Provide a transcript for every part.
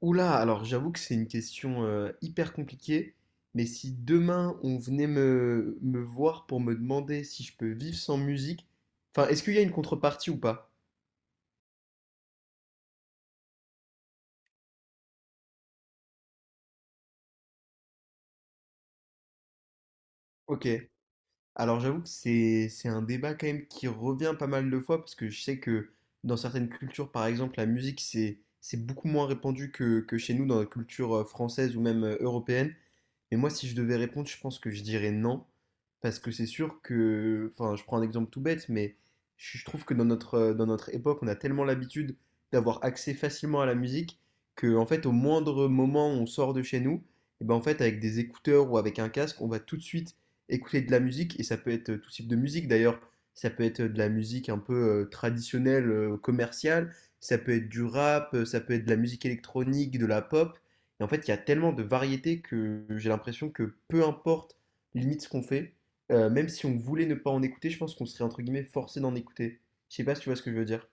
Oula, alors j'avoue que c'est une question hyper compliquée, mais si demain on venait me voir pour me demander si je peux vivre sans musique, enfin, est-ce qu'il y a une contrepartie ou pas? Ok, alors j'avoue que c'est un débat quand même qui revient pas mal de fois, parce que je sais que dans certaines cultures, par exemple, la musique, c'est beaucoup moins répandu que chez nous, dans la culture française ou même européenne. Mais moi, si je devais répondre, je pense que je dirais non. Parce que c'est sûr que, enfin, je prends un exemple tout bête, mais je trouve que dans notre époque, on a tellement l'habitude d'avoir accès facilement à la musique que, en fait, au moindre moment où on sort de chez nous, et ben, en fait, avec des écouteurs ou avec un casque, on va tout de suite écouter de la musique. Et ça peut être tout type de musique d'ailleurs. Ça peut être de la musique un peu traditionnelle, commerciale. Ça peut être du rap, ça peut être de la musique électronique, de la pop. Et en fait, il y a tellement de variétés que j'ai l'impression que peu importe limite ce qu'on fait, même si on voulait ne pas en écouter, je pense qu'on serait entre guillemets forcé d'en écouter. Je sais pas si tu vois ce que je veux dire.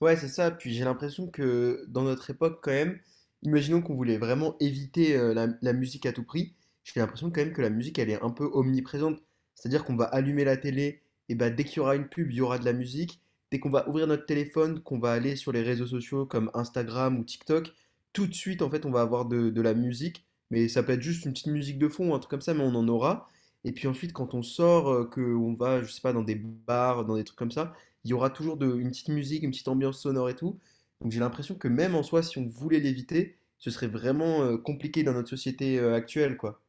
Ouais, c'est ça. Puis j'ai l'impression que dans notre époque, quand même, imaginons qu'on voulait vraiment éviter la musique à tout prix. J'ai l'impression quand même que la musique, elle est un peu omniprésente. C'est-à-dire qu'on va allumer la télé, et bah dès qu'il y aura une pub, il y aura de la musique. Dès qu'on va ouvrir notre téléphone, qu'on va aller sur les réseaux sociaux comme Instagram ou TikTok, tout de suite, en fait, on va avoir de la musique. Mais ça peut être juste une petite musique de fond, un truc comme ça, mais on en aura. Et puis ensuite, quand on sort, que on va, je sais pas, dans des bars, dans des trucs comme ça il y aura toujours une petite musique, une petite ambiance sonore et tout. Donc j'ai l'impression que même en soi, si on voulait l'éviter, ce serait vraiment compliqué dans notre société actuelle, quoi.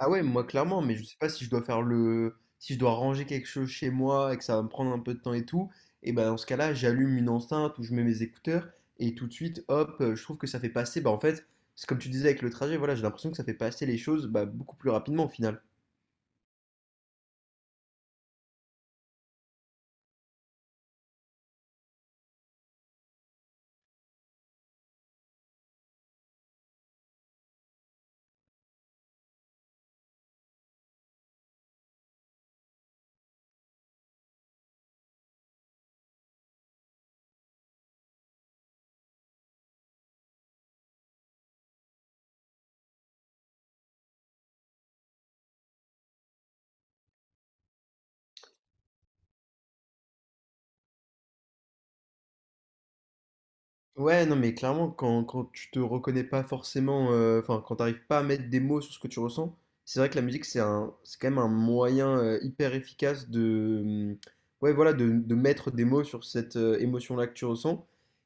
Ah ouais, moi clairement, mais je sais pas si je dois si je dois ranger quelque chose chez moi et que ça va me prendre un peu de temps et tout, et ben dans ce cas-là, j'allume une enceinte ou je mets mes écouteurs et tout de suite, hop, je trouve que ça fait passer, bah en fait, c'est comme tu disais avec le trajet, voilà, j'ai l'impression que ça fait passer les choses bah, beaucoup plus rapidement au final. Ouais, non, mais clairement, quand tu te reconnais pas forcément, enfin, quand t'arrives pas à mettre des mots sur ce que tu ressens, c'est vrai que la musique, c'est quand même un moyen hyper efficace ouais, voilà, de mettre des mots sur cette émotion-là que tu ressens.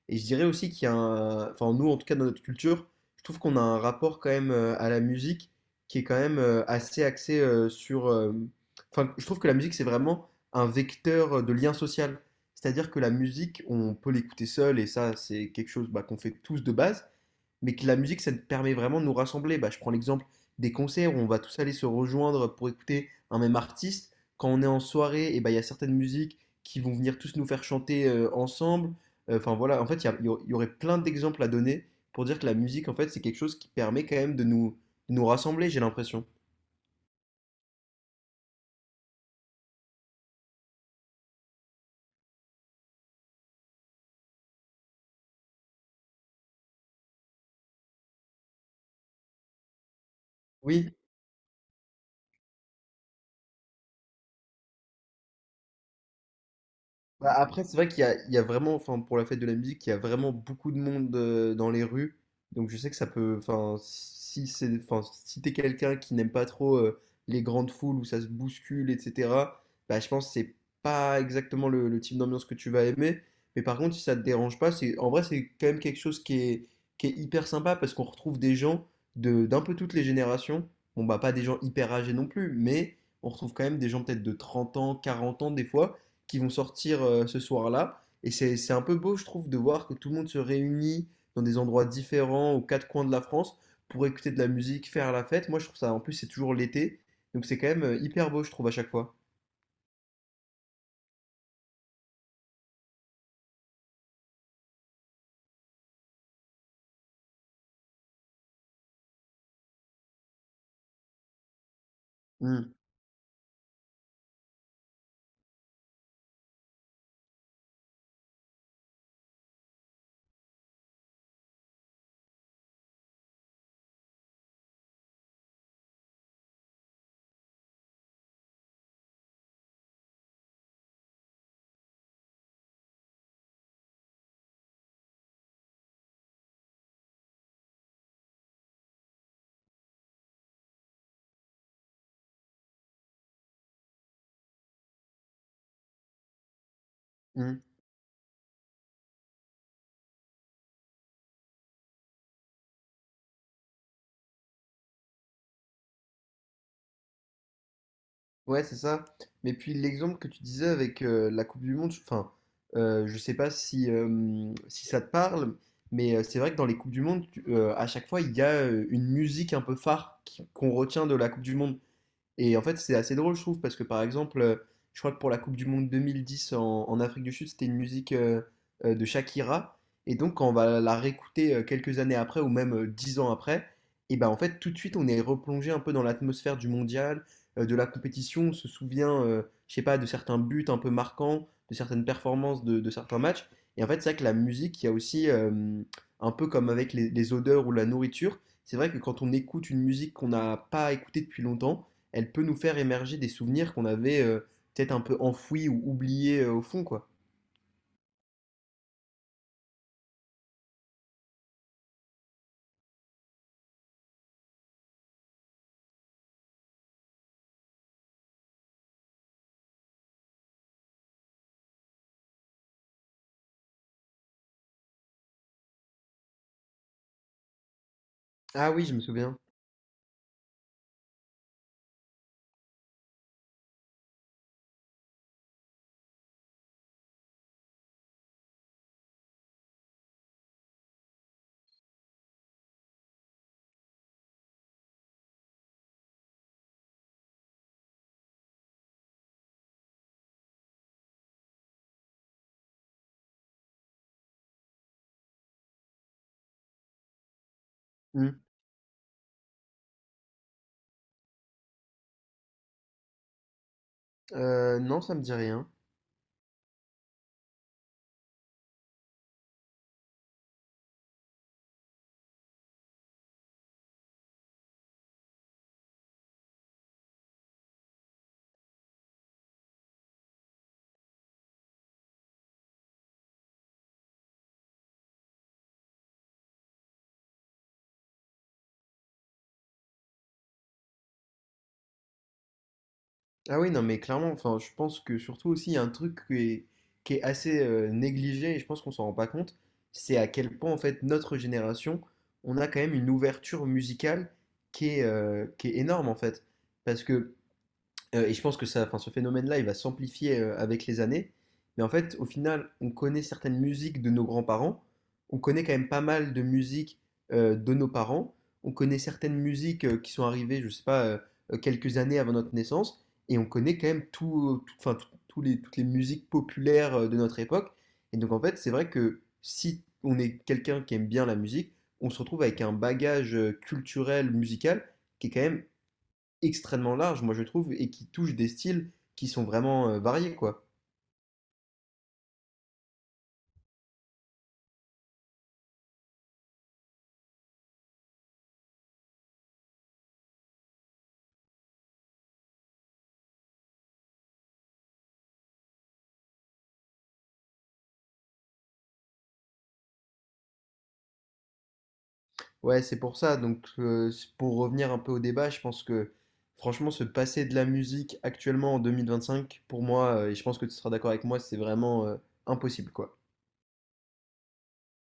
Et je dirais aussi qu'il y a un, enfin, nous, en tout cas, dans notre culture, je trouve qu'on a un rapport quand même à la musique qui est quand même assez axé enfin, je trouve que la musique, c'est vraiment un vecteur de lien social. C'est-à-dire que la musique, on peut l'écouter seul, et ça, c'est quelque chose bah, qu'on fait tous de base, mais que la musique, ça permet vraiment de nous rassembler. Bah, je prends l'exemple des concerts où on va tous aller se rejoindre pour écouter un même artiste. Quand on est en soirée, et bah, il y a certaines musiques qui vont venir tous nous faire chanter ensemble. Enfin voilà, en fait, il y, a- il y aurait plein d'exemples à donner pour dire que la musique, en fait, c'est quelque chose qui permet quand même de nous rassembler, j'ai l'impression. Oui. Bah, après, c'est vrai qu'il y a, il y a vraiment, enfin, pour la fête de la musique, il y a vraiment beaucoup de monde dans les rues. Donc, je sais que ça peut, enfin, si c'est, enfin, si t'es quelqu'un qui n'aime pas trop les grandes foules où ça se bouscule, etc., bah, je pense que c'est pas exactement le type d'ambiance que tu vas aimer. Mais par contre, si ça te dérange pas, en vrai, c'est quand même quelque chose qui est hyper sympa parce qu'on retrouve des gens de, d'un peu toutes les générations. Bon, bah, pas des gens hyper âgés non plus, mais on retrouve quand même des gens peut-être de 30 ans, 40 ans des fois qui vont sortir ce soir-là. Et c'est un peu beau, je trouve, de voir que tout le monde se réunit dans des endroits différents, aux quatre coins de la France, pour écouter de la musique, faire la fête. Moi, je trouve ça, en plus, c'est toujours l'été. Donc, c'est quand même hyper beau, je trouve, à chaque fois. Mm, mm. Ouais, c'est ça. Mais puis, l'exemple que tu disais avec la Coupe du Monde, je sais pas si ça te parle, mais c'est vrai que dans les Coupes du Monde, à chaque fois, il y a une musique un peu phare qu'on retient de la Coupe du Monde. Et en fait, c'est assez drôle, je trouve, parce que par exemple, je crois que pour la Coupe du Monde 2010 en Afrique du Sud, c'était une musique de Shakira. Et donc, quand on va la réécouter quelques années après, ou même 10 ans après, et ben en fait, tout de suite, on est replongé un peu dans l'atmosphère du mondial, de la compétition. On se souvient, je sais pas, de certains buts un peu marquants, de certaines performances, de certains matchs. Et en fait, c'est vrai que la musique, il y a aussi, un peu comme avec les odeurs ou la nourriture, c'est vrai que quand on écoute une musique qu'on n'a pas écoutée depuis longtemps, elle peut nous faire émerger des souvenirs qu'on avait peut-être un peu enfouis ou oubliés au fond, quoi. Ah oui, je me souviens. Hmm. Non, ça me dit rien. Ah oui, non, mais clairement, enfin, je pense que surtout aussi, il y a un truc qui est assez négligé et je pense qu'on s'en rend pas compte, c'est à quel point, en fait, notre génération, on a quand même une ouverture musicale qui est énorme, en fait. Parce que et je pense que ça, enfin, ce phénomène-là, il va s'amplifier avec les années. Mais en fait, au final, on connaît certaines musiques de nos grands-parents. On connaît quand même pas mal de musiques de nos parents. On connaît certaines musiques qui sont arrivées, je sais pas, quelques années avant notre naissance. Et on connaît quand même toutes les musiques populaires de notre époque. Et donc, en fait, c'est vrai que si on est quelqu'un qui aime bien la musique, on se retrouve avec un bagage culturel, musical, qui est quand même extrêmement large, moi je trouve, et qui touche des styles qui sont vraiment variés, quoi. Ouais, c'est pour ça. Donc, pour revenir un peu au débat, je pense que franchement, se passer de la musique actuellement en 2025, pour moi, et je pense que tu seras d'accord avec moi, c'est vraiment impossible, quoi.